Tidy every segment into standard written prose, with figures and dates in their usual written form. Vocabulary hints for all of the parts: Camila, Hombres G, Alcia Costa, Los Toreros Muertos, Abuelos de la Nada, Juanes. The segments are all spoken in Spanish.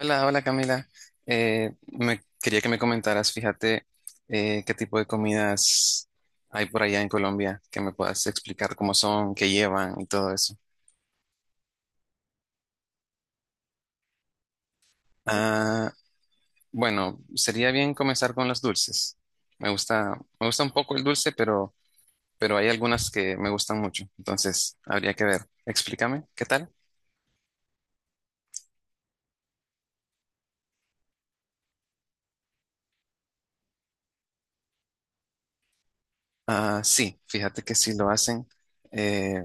Hola, hola Camila. Me quería que me comentaras, fíjate, qué tipo de comidas hay por allá en Colombia, que me puedas explicar cómo son, qué llevan y todo eso. Ah, bueno, sería bien comenzar con los dulces. Me gusta un poco el dulce, pero hay algunas que me gustan mucho. Entonces, habría que ver. Explícame, ¿qué tal? Ah, sí, fíjate que sí lo hacen. Eh,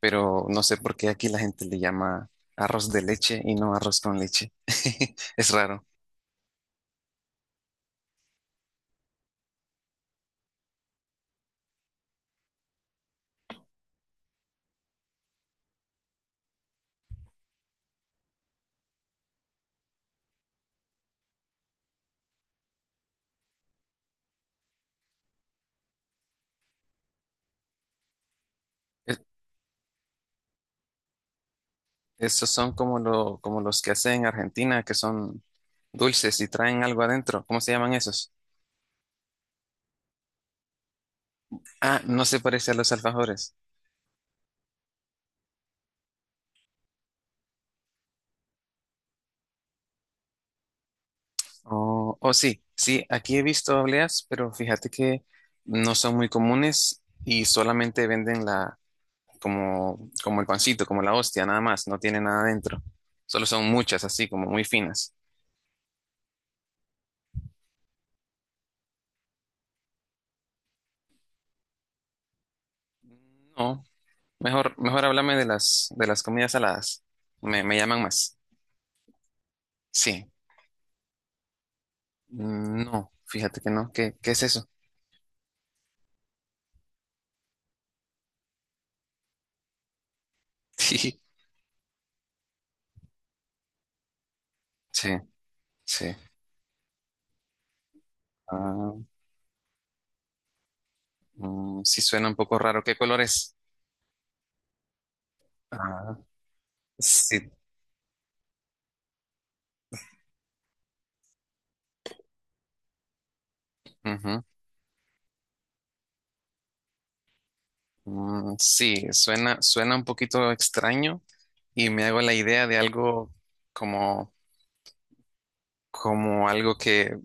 pero no sé por qué aquí la gente le llama arroz de leche y no arroz con leche. Es raro. Es- Esos son como, como los que hacen en Argentina, que son dulces y traen algo adentro. ¿Cómo se llaman esos? Ah, no se parece a los alfajores. Oh, oh, sí, sí, aquí he visto obleas, pero fíjate que no son muy comunes y solamente venden como, como el pancito, como la hostia, nada más, no tiene nada adentro. Solo son muchas, así como muy finas. No, mejor háblame de las comidas saladas. Me llaman más. Sí. Mm, no, fíjate que no. ¿Qué es eso? Sí, sí, sí. Ah, mm, sí suena un poco raro. ¿Qué color es? Ah, sí. Ujú. Mm, sí, suena un poquito extraño y me hago la idea de algo como, como algo que,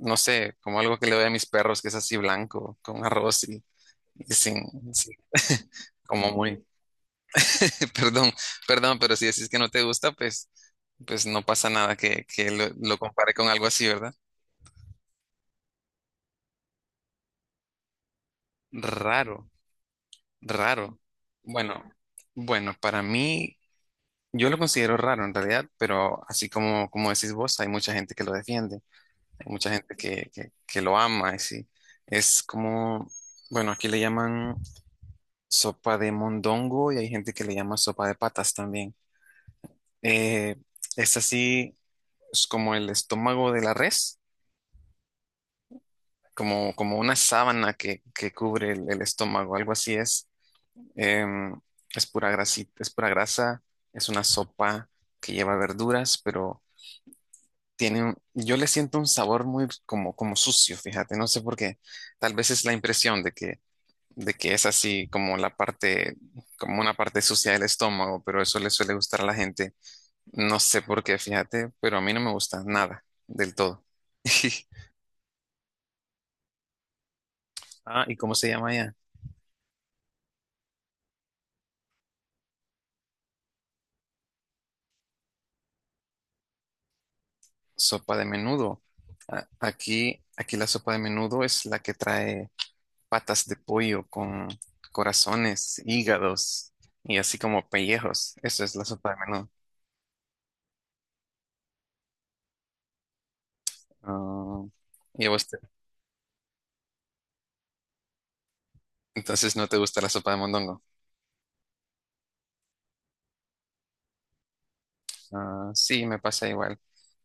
no sé, como algo que le doy a mis perros, que es así blanco, con arroz y sin, sí, como muy... Perdón, perdón, pero si decís que no te gusta, pues, pues no pasa nada que lo compare con algo así, ¿verdad? Raro, raro. Bueno, bueno, para mí, yo lo considero raro en realidad, pero así como, como decís vos, hay mucha gente que lo defiende, hay mucha gente que lo ama, y sí. Es como, bueno, aquí le llaman sopa de mondongo y hay gente que le llama sopa de patas también. Eh, es así, es como el estómago de la res como, como una sábana que cubre el estómago, algo así es. Em, es pura grasita, es pura grasa, es una sopa que lleva verduras, pero yo le siento un sabor muy como, como sucio, fíjate, no sé por qué. Tal vez es la impresión de que es así como la parte, como una parte sucia del estómago, pero eso le suele gustar a la gente. No sé por qué, fíjate, pero a mí no me gusta nada del todo. Ah, ¿y cómo se llama ella? Sopa de menudo. Aquí, aquí la sopa de menudo es la que trae patas de pollo con corazones, hígados y así como pellejos. Eso es la sopa de menudo. Ah, y a vos te- entonces no te gusta la sopa de mondongo. Ah, sí, me pasa igual.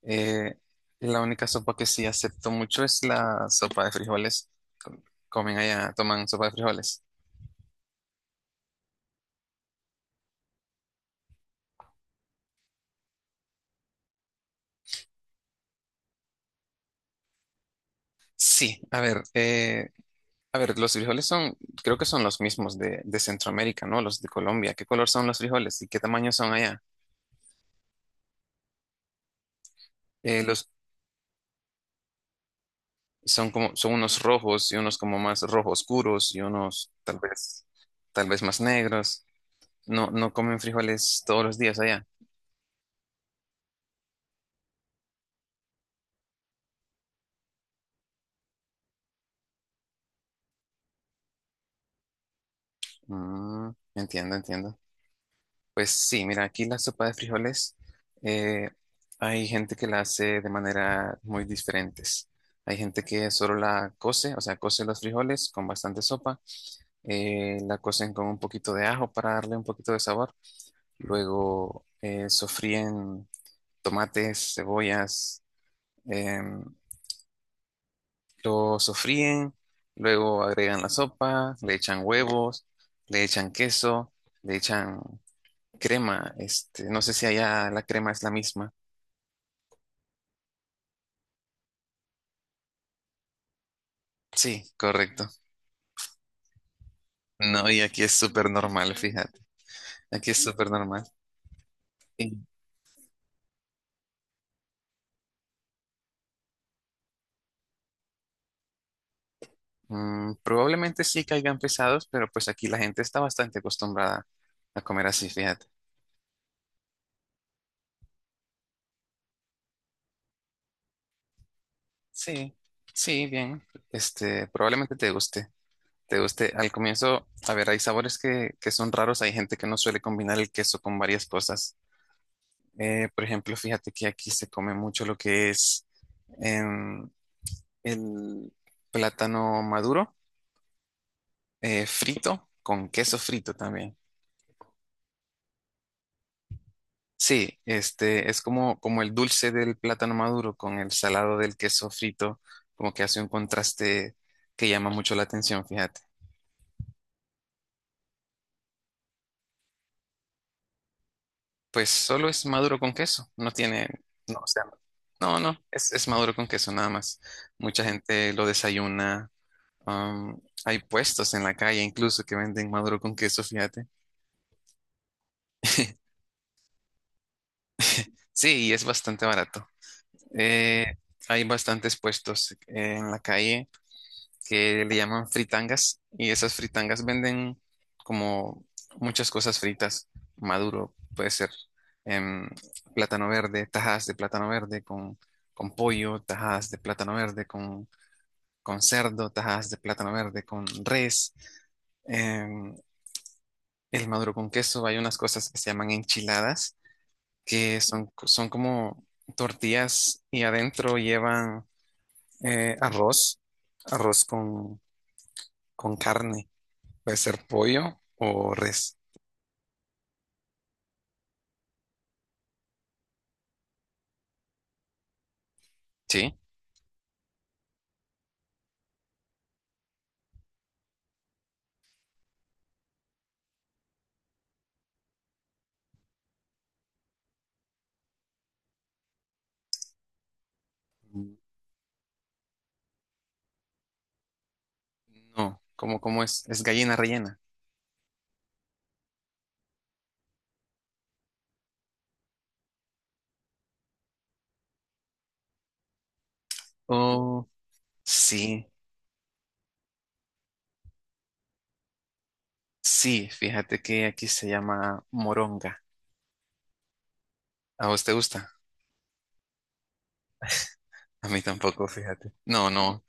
Eh, la única sopa que sí acepto mucho es la sopa de frijoles. Com- Comen allá, toman sopa de frijoles. Sí, a ver, a ver, los frijoles son, creo que son los mismos de Centroamérica, ¿no? Los de Colombia. ¿Qué color son los frijoles y qué tamaño son allá? Eh, los, Son como, son unos rojos y unos como más rojo oscuros y unos tal vez más negros. No, no comen frijoles todos los días allá. Mm, entiendo, entiendo. Pues sí, mira, aquí la sopa de frijoles, eh, hay gente que la hace de manera muy diferentes. Hay gente que solo la cose, o sea, cose los frijoles con bastante sopa la cocen con un poquito de ajo para darle un poquito de sabor. Luego sofríen tomates, cebollas, em, lo sofríen, luego agregan la sopa, le echan huevos, le echan queso, le echan crema. Este, no sé si allá la crema es la misma. Sí, correcto. No, y aquí es súper normal, fíjate. Aquí es súper normal. Mm, probablemente sí caigan pesados, pero pues aquí la gente está bastante acostumbrada a comer así, fíjate. Sí, sí, bien. Este, probablemente te guste. Te guste. Al comienzo, a ver, hay sabores que son raros. Hay gente que no suele combinar el queso con varias cosas. Por ejemplo, fíjate que aquí se come mucho lo que es em, el plátano maduro, frito, con queso frito también. Sí, este es como, como el dulce del plátano maduro con el salado del queso frito, como que hace un contraste que llama mucho la atención, fíjate. Pues solo es maduro con queso, no tiene, no, o sea, no, no, es maduro con queso nada más. Mucha gente lo desayuna, hay puestos en la calle incluso que venden maduro con queso, fíjate. Sí, y es bastante barato. Eh, Hay bastantes puestos en la calle que le llaman fritangas y esas fritangas venden como muchas cosas fritas, maduro, puede ser em, plátano verde, tajadas de plátano verde con pollo, tajadas de plátano verde con cerdo, tajadas de plátano verde con res, em, el maduro con queso, hay unas cosas que se llaman enchiladas, que son, son como tortillas y adentro llevan arroz, arroz con, con carne. Puede ser pollo o res. ¿Sí? Mm, no, ¿cómo es? Es gallina rellena. Oh, sí, sí, fíjate que aquí se llama moronga. ¿A vos te gusta? A mí tampoco, fíjate. No, no,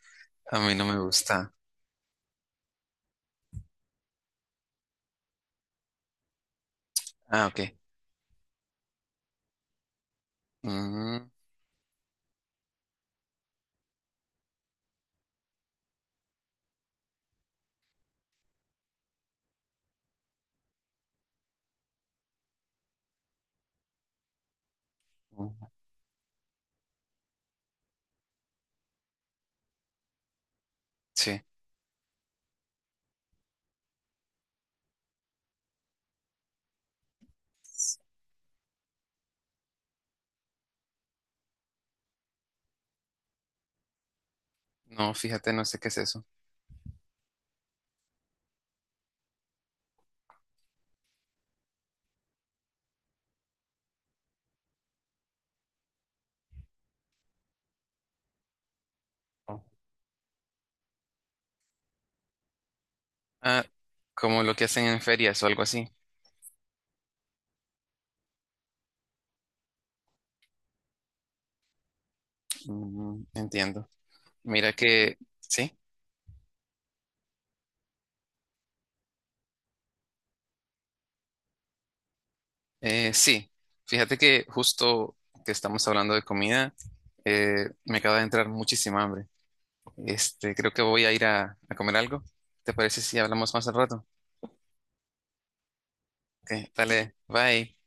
a mí no me gusta. Ah, ok. Mm, sí, no, fíjate, no sé qué es eso. Oh. Ah, como lo que hacen en ferias o algo así. Mm, entiendo. Mira que, sí. Sí, fíjate que justo que estamos hablando de comida, me acaba de entrar muchísima hambre. Este, creo que voy a ir a comer algo. ¿Te parece si hablamos más al rato? Ok, dale, bye.